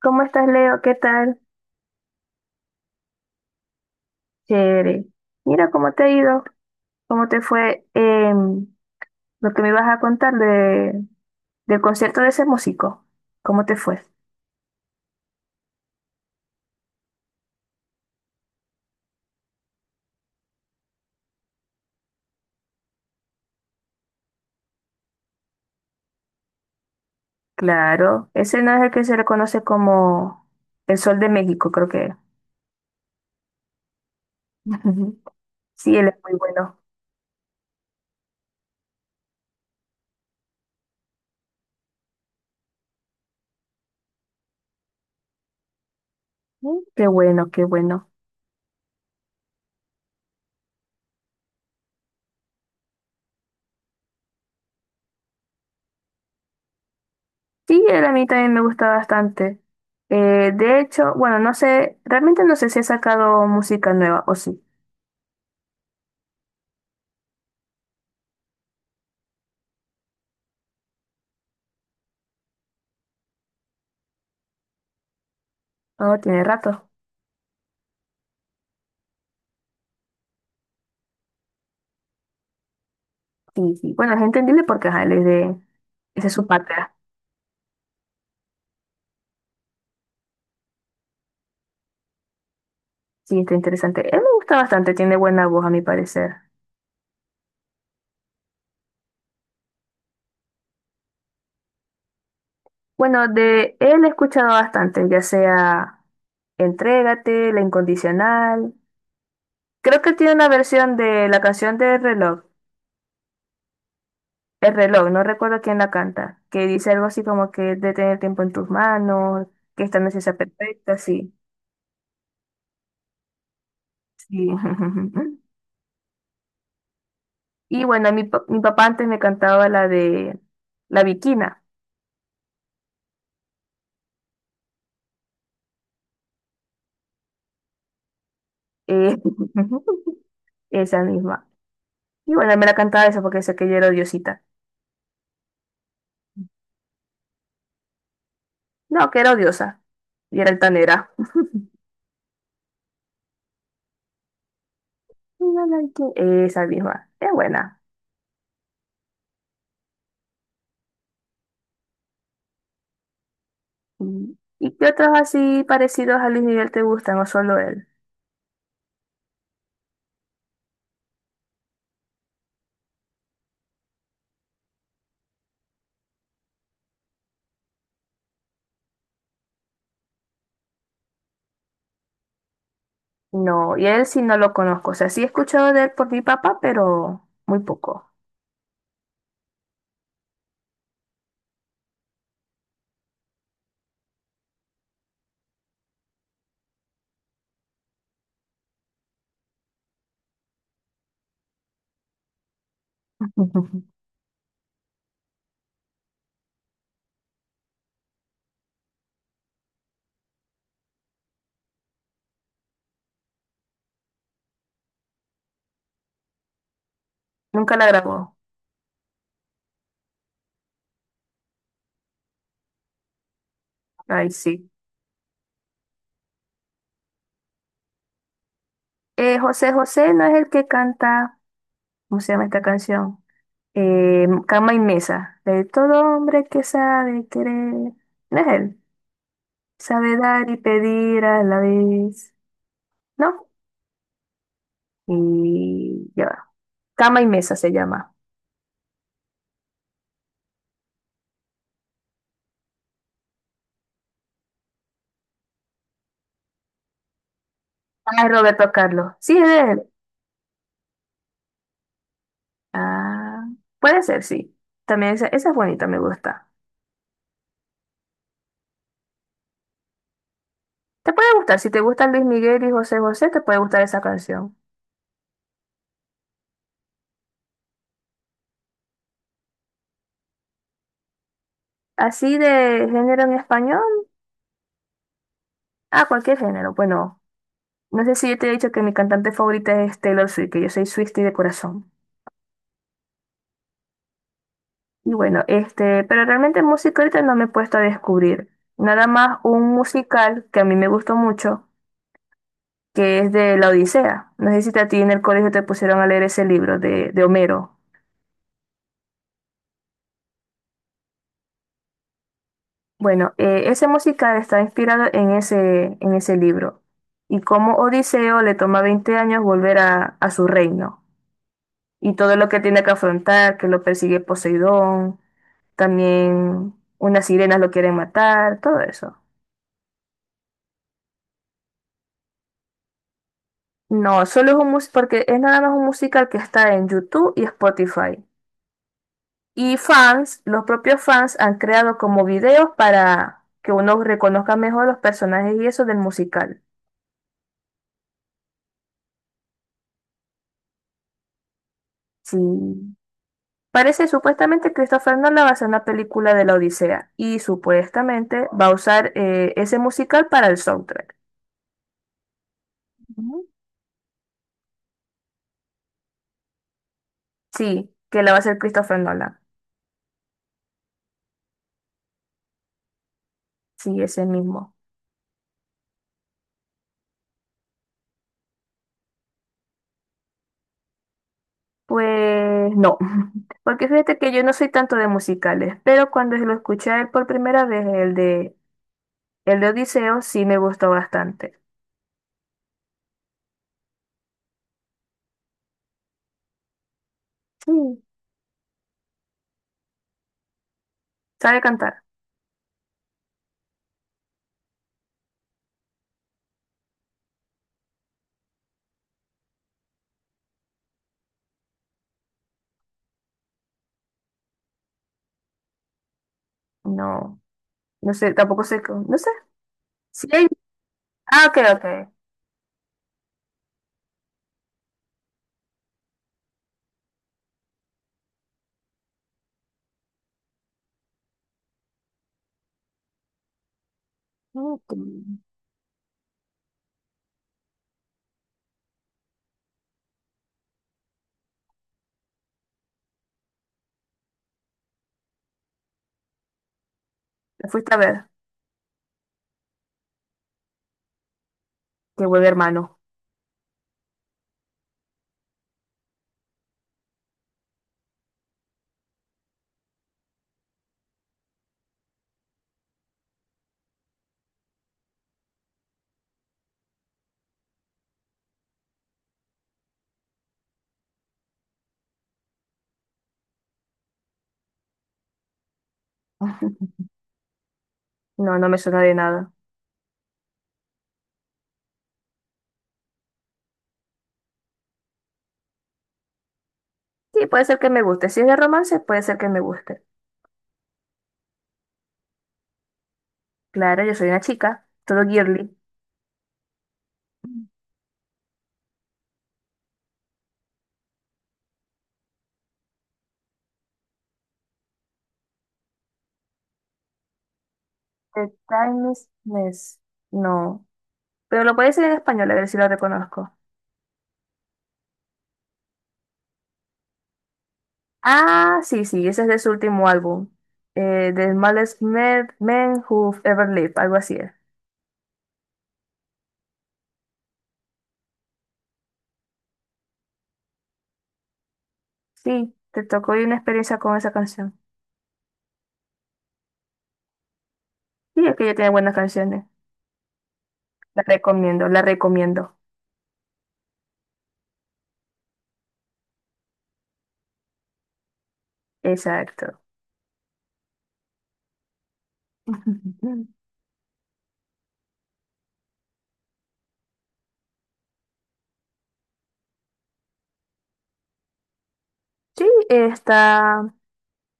¿Cómo estás, Leo? ¿Qué tal? Chévere. Mira cómo te ha ido, cómo te fue em, lo que me ibas a contar del concierto de ese músico. ¿Cómo te fue? Claro, ese no es el que se le conoce como el Sol de México, creo que es. Sí, él es muy bueno. Mm, qué bueno, qué bueno. Sí, él a mí también me gusta bastante. De hecho, bueno, no sé, realmente no sé si ha sacado música nueva o sí. Oh, tiene rato. Sí, sí. Bueno, es entendible porque ajá, él es de. Esa es su patria. Sí, está interesante. Él me gusta bastante, tiene buena voz a mi parecer. Bueno, de él he escuchado bastante, ya sea Entrégate, La Incondicional. Creo que tiene una versión de la canción de reloj. El reloj, no recuerdo quién la canta, que dice algo así como que de tener el tiempo en tus manos, que esta noche sea perfecta, sí. Sí. Y bueno, mi papá antes me cantaba la de La Bikina. Eh, Esa misma. Y bueno, me la cantaba esa porque sé que yo era odiosita. No, que era odiosa. Y era altanera. Mira esa misma. Es buena. Mm. ¿Y qué otros así parecidos a Luis Miguel te gustan o solo él? No, y a él sí no lo conozco. O sea, sí he escuchado de él por mi papá, pero muy poco. Nunca la grabó. Ay, sí. José José no es el que canta. ¿Cómo se llama esta canción? Cama y Mesa. De todo hombre que sabe querer. No es él. Sabe dar y pedir a la vez, ¿no? Y ya va. Cama y mesa se llama. Ah, es Roberto Carlos. Sí, es de él. Ah, puede ser, sí. También esa es bonita, me gusta. Te puede gustar, si te gustan Luis Miguel y José José, te puede gustar esa canción. Así de género en español, ah, cualquier género. Bueno, no sé si yo te he dicho que mi cantante favorita es Taylor Swift, que yo soy Swiftie de corazón. Y bueno, este, pero realmente música ahorita no me he puesto a descubrir. Nada más un musical que a mí me gustó mucho, que es de La Odisea. No sé si a ti en el colegio te pusieron a leer ese libro de Homero. Bueno, ese musical está inspirado en ese libro. Y cómo Odiseo le toma 20 años volver a su reino. Y todo lo que tiene que afrontar, que lo persigue Poseidón, también unas sirenas lo quieren matar, todo eso. No, solo es un mus- porque es nada más un musical que está en YouTube y Spotify. Y fans, los propios fans han creado como videos para que uno reconozca mejor los personajes y eso del musical. Sí. Parece supuestamente Christopher Nolan va a hacer una película de la Odisea y supuestamente va a usar ese musical para el soundtrack. Ujú. Sí, que la va a hacer Christopher Nolan. Sí, ese mismo. Pues no, porque fíjate que yo no soy tanto de musicales, pero cuando lo escuché a él por primera vez, el el de Odiseo, sí me gustó bastante. Sí. ¿Sabe cantar? No, no sé, tampoco sé, no sé. Sí, ah, ok, ok. Ok. La fuiste a ver, que vuelve hermano. No, no me suena de nada. Sí, puede ser que me guste. Si es de romance, puede ser que me guste. Claro, yo soy una chica, todo girly. The Time is Mess. No, pero lo puede decir en español, a ver si lo reconozco. Ah, sí, sí, ese es de su último álbum. The Smallest Men, Who've Ever Lived, algo así es. Sí, te tocó y una experiencia con esa canción. Sí, es que ella tiene buenas canciones. La recomiendo, la recomiendo. Exacto. Sí, está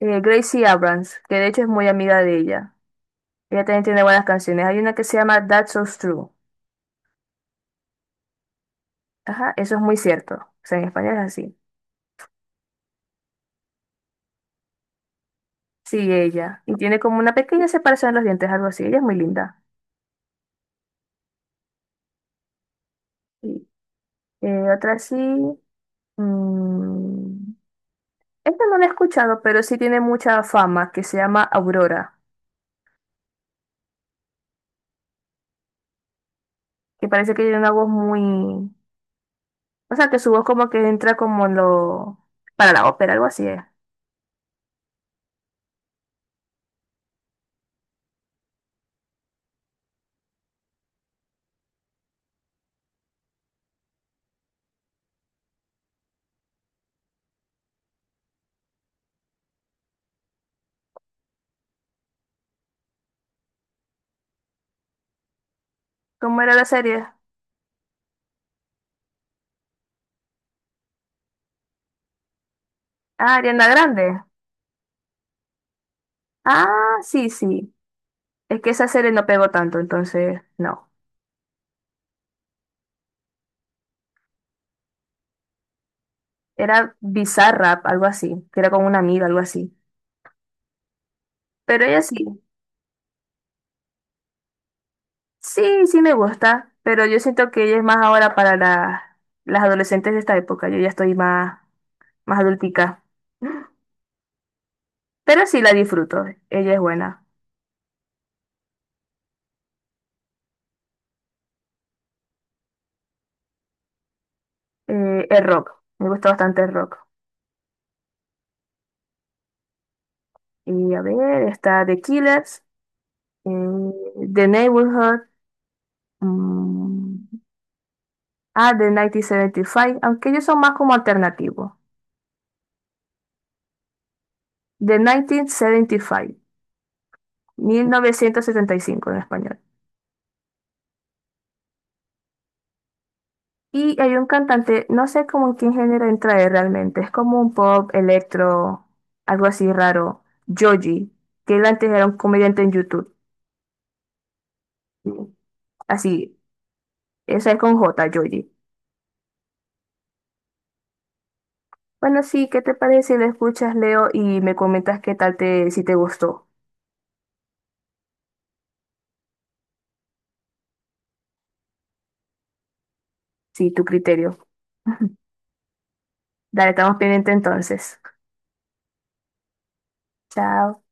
Gracie Abrams, que de hecho es muy amiga de ella. Ella también tiene buenas canciones. Hay una que se llama That's So True. Ajá, eso es muy cierto. O sea, en español es así. Sí, ella. Y tiene como una pequeña separación en los dientes, algo así. Ella es muy linda. Sí. Eh, otra sí. mm, esta no la he escuchado, pero sí tiene mucha fama, que se llama Aurora, que parece que tiene una voz muy. O sea, que su voz como que entra como en lo. Para la ópera, algo así. Es. ¿Cómo era la serie? Ah, Ariana Grande. Ah, sí, sí. Es que esa serie no pegó tanto, entonces no. Era Bizarrap, algo así, que era con una amiga, algo así. Pero ella sí. Sí, sí me gusta, pero yo siento que ella es más ahora para las adolescentes de esta época. Yo ya estoy más, más adultica. Pero sí la disfruto, ella es buena. El rock, me gusta bastante el rock. Y a ver, está The Killers, eh, The Neighborhood, mm, The 1975, aunque ellos son más como alternativos. The 1975 1975 en español. Y hay un cantante, no sé cómo en qué género entra él realmente, es como un pop, electro, algo así raro. Joji, que él antes era un comediante en YouTube. Así, esa es con J, Joji. Bueno, sí, ¿qué te parece si lo escuchas, Leo, y me comentas si te gustó, si tu criterio? Dale, estamos pendientes entonces. Chao.